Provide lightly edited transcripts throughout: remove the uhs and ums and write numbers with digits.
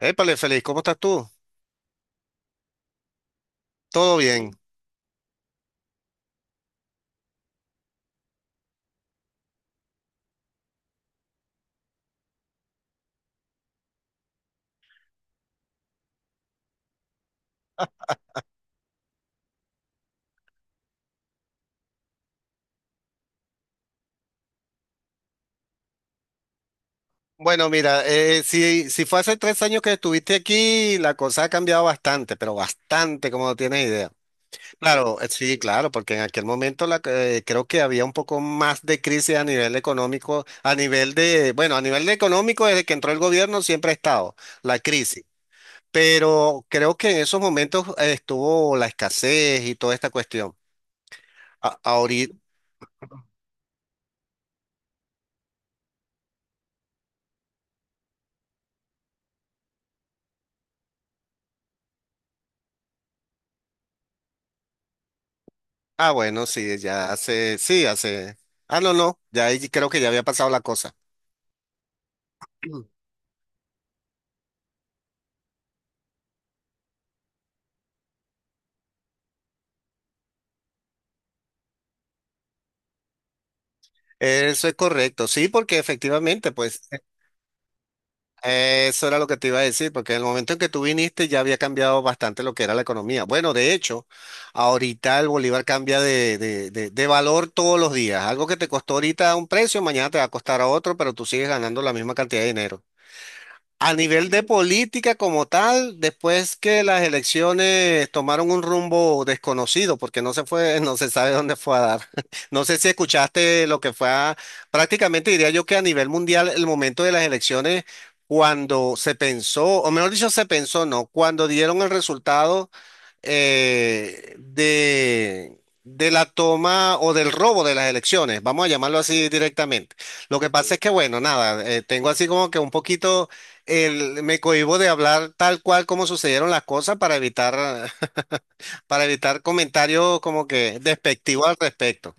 Épale, feliz, ¿cómo estás tú? Todo bien. Bueno, mira, si fue hace 3 años que estuviste aquí, la cosa ha cambiado bastante, pero bastante, como no tienes idea. Claro, sí, claro, porque en aquel momento creo que había un poco más de crisis a nivel económico, bueno, a nivel de económico, desde que entró el gobierno siempre ha estado la crisis, pero creo que en esos momentos estuvo la escasez y toda esta cuestión. Ahorita Ah, bueno, sí, ya hace, sí, hace. Ah, no, no, ya ahí creo que ya había pasado la cosa. Eso es correcto, sí, porque efectivamente, pues, eso era lo que te iba a decir, porque en el momento en que tú viniste ya había cambiado bastante lo que era la economía. Bueno, de hecho, ahorita el bolívar cambia de valor todos los días. Algo que te costó ahorita a un precio, mañana te va a costar a otro, pero tú sigues ganando la misma cantidad de dinero. A nivel de política como tal, después que las elecciones tomaron un rumbo desconocido, porque no se fue, no se sabe dónde fue a dar. No sé si escuchaste lo que fue a- Prácticamente diría yo que a nivel mundial el momento de las elecciones, cuando se pensó, o mejor dicho, se pensó, no, cuando dieron el resultado de la toma o del robo de las elecciones, vamos a llamarlo así directamente. Lo que pasa es que, bueno, nada, tengo así como que un poquito, me cohíbo de hablar tal cual como sucedieron las cosas para evitar, para evitar comentarios como que despectivos al respecto.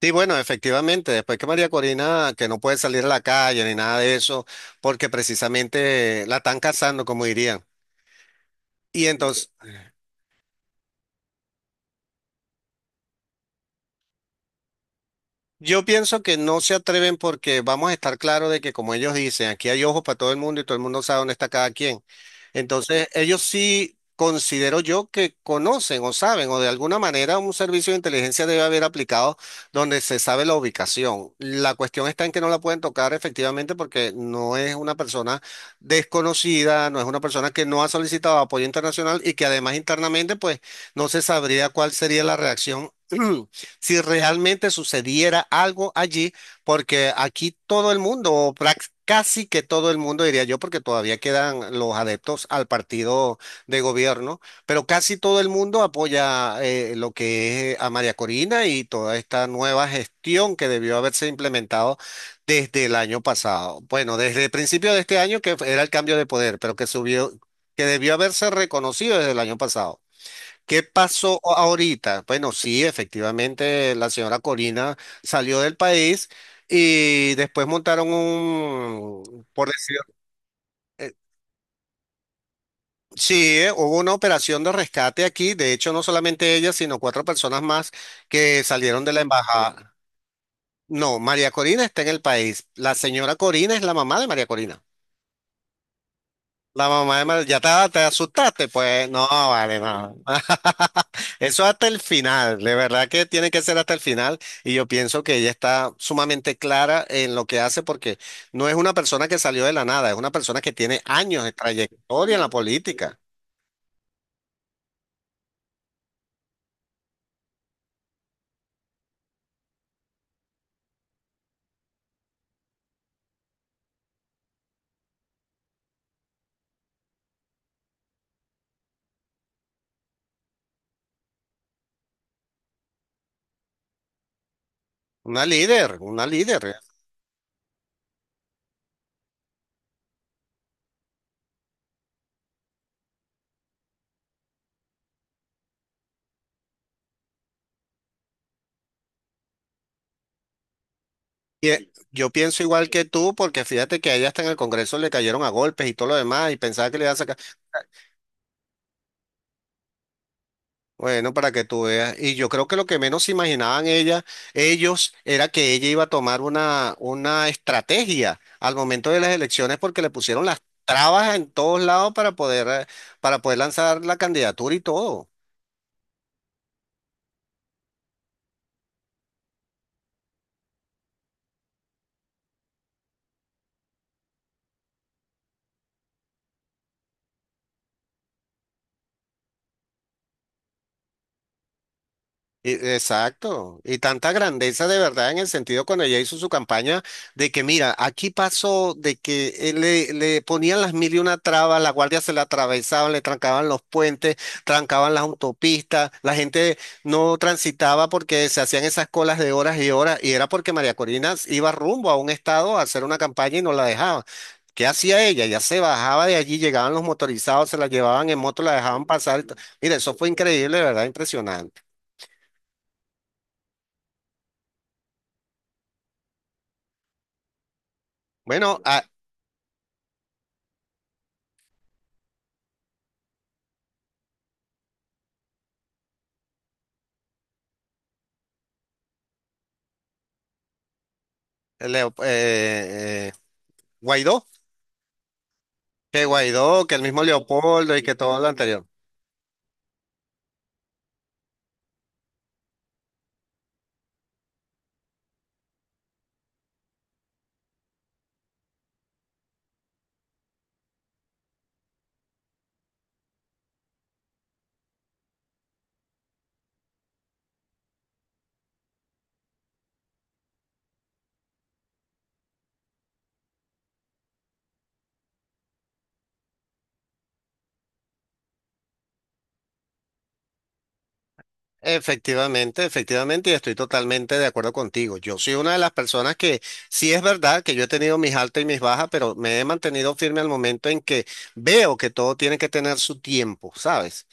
Sí, bueno, efectivamente, después que María Corina, que no puede salir a la calle ni nada de eso, porque precisamente la están cazando, como dirían. Y entonces. Yo pienso que no se atreven porque vamos a estar claro de que como ellos dicen, aquí hay ojos para todo el mundo y todo el mundo sabe dónde está cada quien. Entonces, ellos sí considero yo que conocen o saben o de alguna manera un servicio de inteligencia debe haber aplicado donde se sabe la ubicación. La cuestión está en que no la pueden tocar efectivamente porque no es una persona desconocida, no es una persona que no ha solicitado apoyo internacional y que además internamente pues no se sabría cuál sería la reacción. Si realmente sucediera algo allí, porque aquí todo el mundo, o casi que todo el mundo, diría yo, porque todavía quedan los adeptos al partido de gobierno, pero casi todo el mundo apoya lo que es a María Corina y toda esta nueva gestión que debió haberse implementado desde el año pasado. Bueno, desde el principio de este año, que era el cambio de poder, pero que subió, que debió haberse reconocido desde el año pasado. ¿Qué pasó ahorita? Bueno, sí, efectivamente, la señora Corina salió del país y después montaron un, por decir, eh, sí, hubo una operación de rescate aquí. De hecho, no solamente ella, sino cuatro personas más que salieron de la embajada. No, María Corina está en el país. La señora Corina es la mamá de María Corina. La mamá de Mar- Ya te asustaste, pues no, vale, no. Eso hasta el final, de verdad que tiene que ser hasta el final y yo pienso que ella está sumamente clara en lo que hace porque no es una persona que salió de la nada, es una persona que tiene años de trayectoria en la política, una líder, una líder. Y yo pienso igual que tú porque fíjate que a ella hasta en el Congreso le cayeron a golpes y todo lo demás y pensaba que le iban a sacar. Bueno, para que tú veas. Y yo creo que lo que menos se imaginaban ella, ellos era que ella iba a tomar una estrategia al momento de las elecciones porque le pusieron las trabas en todos lados para poder lanzar la candidatura y todo. Exacto, y tanta grandeza de verdad en el sentido cuando ella hizo su campaña de que mira, aquí pasó de que le ponían las mil y una trabas, la guardia se la atravesaban, le trancaban los puentes, trancaban las autopistas, la gente no transitaba porque se hacían esas colas de horas y horas y era porque María Corina iba rumbo a un estado a hacer una campaña y no la dejaba. ¿Qué hacía ella? Ya se bajaba de allí, llegaban los motorizados, se la llevaban en moto, la dejaban pasar. Mira, eso fue increíble, de verdad, impresionante. Bueno, Leo- eh, eh, Guaidó, que el mismo Leopoldo y que todo lo anterior. Efectivamente, efectivamente, y estoy totalmente de acuerdo contigo. Yo soy una de las personas que sí es verdad que yo he tenido mis altas y mis bajas, pero me he mantenido firme al momento en que veo que todo tiene que tener su tiempo, ¿sabes?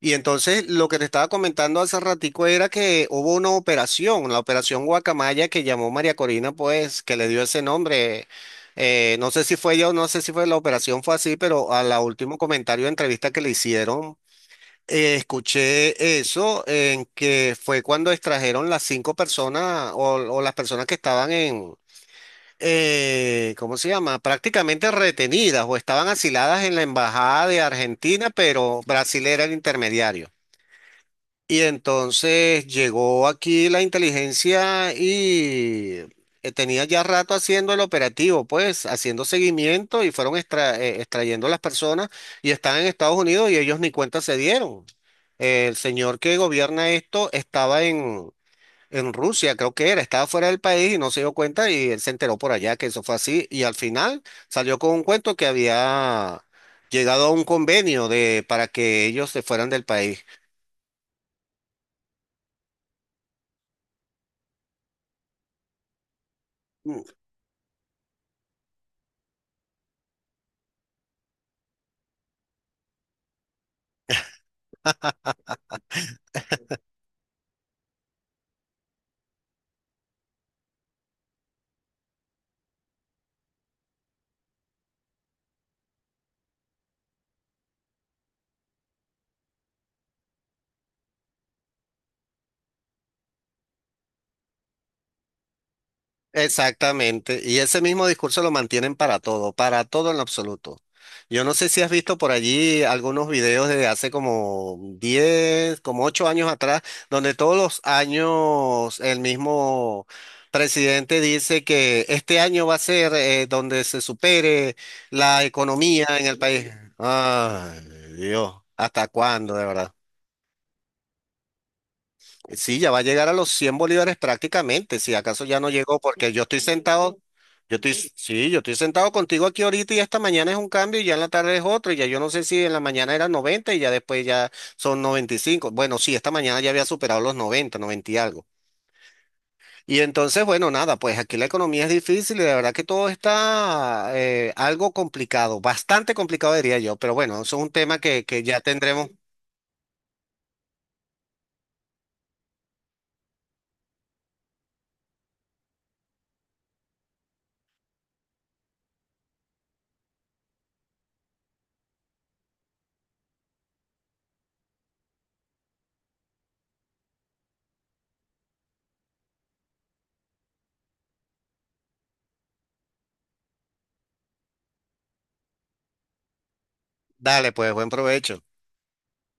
Y entonces lo que te estaba comentando hace ratico era que hubo una operación, la operación Guacamaya que llamó María Corina, pues, que le dio ese nombre. No sé si fue ella o no sé si fue la operación, fue así, pero a la último comentario de entrevista que le hicieron, escuché eso, en que fue cuando extrajeron las cinco personas o las personas que estaban en, ¿cómo se llama? Prácticamente retenidas o estaban asiladas en la embajada de Argentina, pero Brasil era el intermediario. Y entonces llegó aquí la inteligencia y tenía ya rato haciendo el operativo, pues haciendo seguimiento y fueron extrayendo las personas y están en Estados Unidos y ellos ni cuenta se dieron. El señor que gobierna esto estaba en Rusia, creo que era, estaba fuera del país y no se dio cuenta y él se enteró por allá que eso fue así y al final salió con un cuento que había llegado a un convenio de, para que ellos se fueran del país. Exactamente, y ese mismo discurso lo mantienen para todo en lo absoluto. Yo no sé si has visto por allí algunos videos de hace como 10, como 8 años atrás, donde todos los años el mismo presidente dice que este año va a ser donde se supere la economía en el país. Ay, Dios, ¿hasta cuándo, de verdad? Sí, ya va a llegar a los 100 bolívares prácticamente, si acaso ya no llegó, porque yo estoy sentado, yo estoy, sí, yo estoy sentado contigo aquí ahorita y esta mañana es un cambio y ya en la tarde es otro, y ya yo no sé si en la mañana era 90 y ya después ya son 95. Bueno, sí, esta mañana ya había superado los 90, 90 y algo. Y entonces, bueno, nada, pues aquí la economía es difícil y de verdad que todo está algo complicado, bastante complicado diría yo, pero bueno, eso es un tema que, ya tendremos. Dale, pues, buen provecho.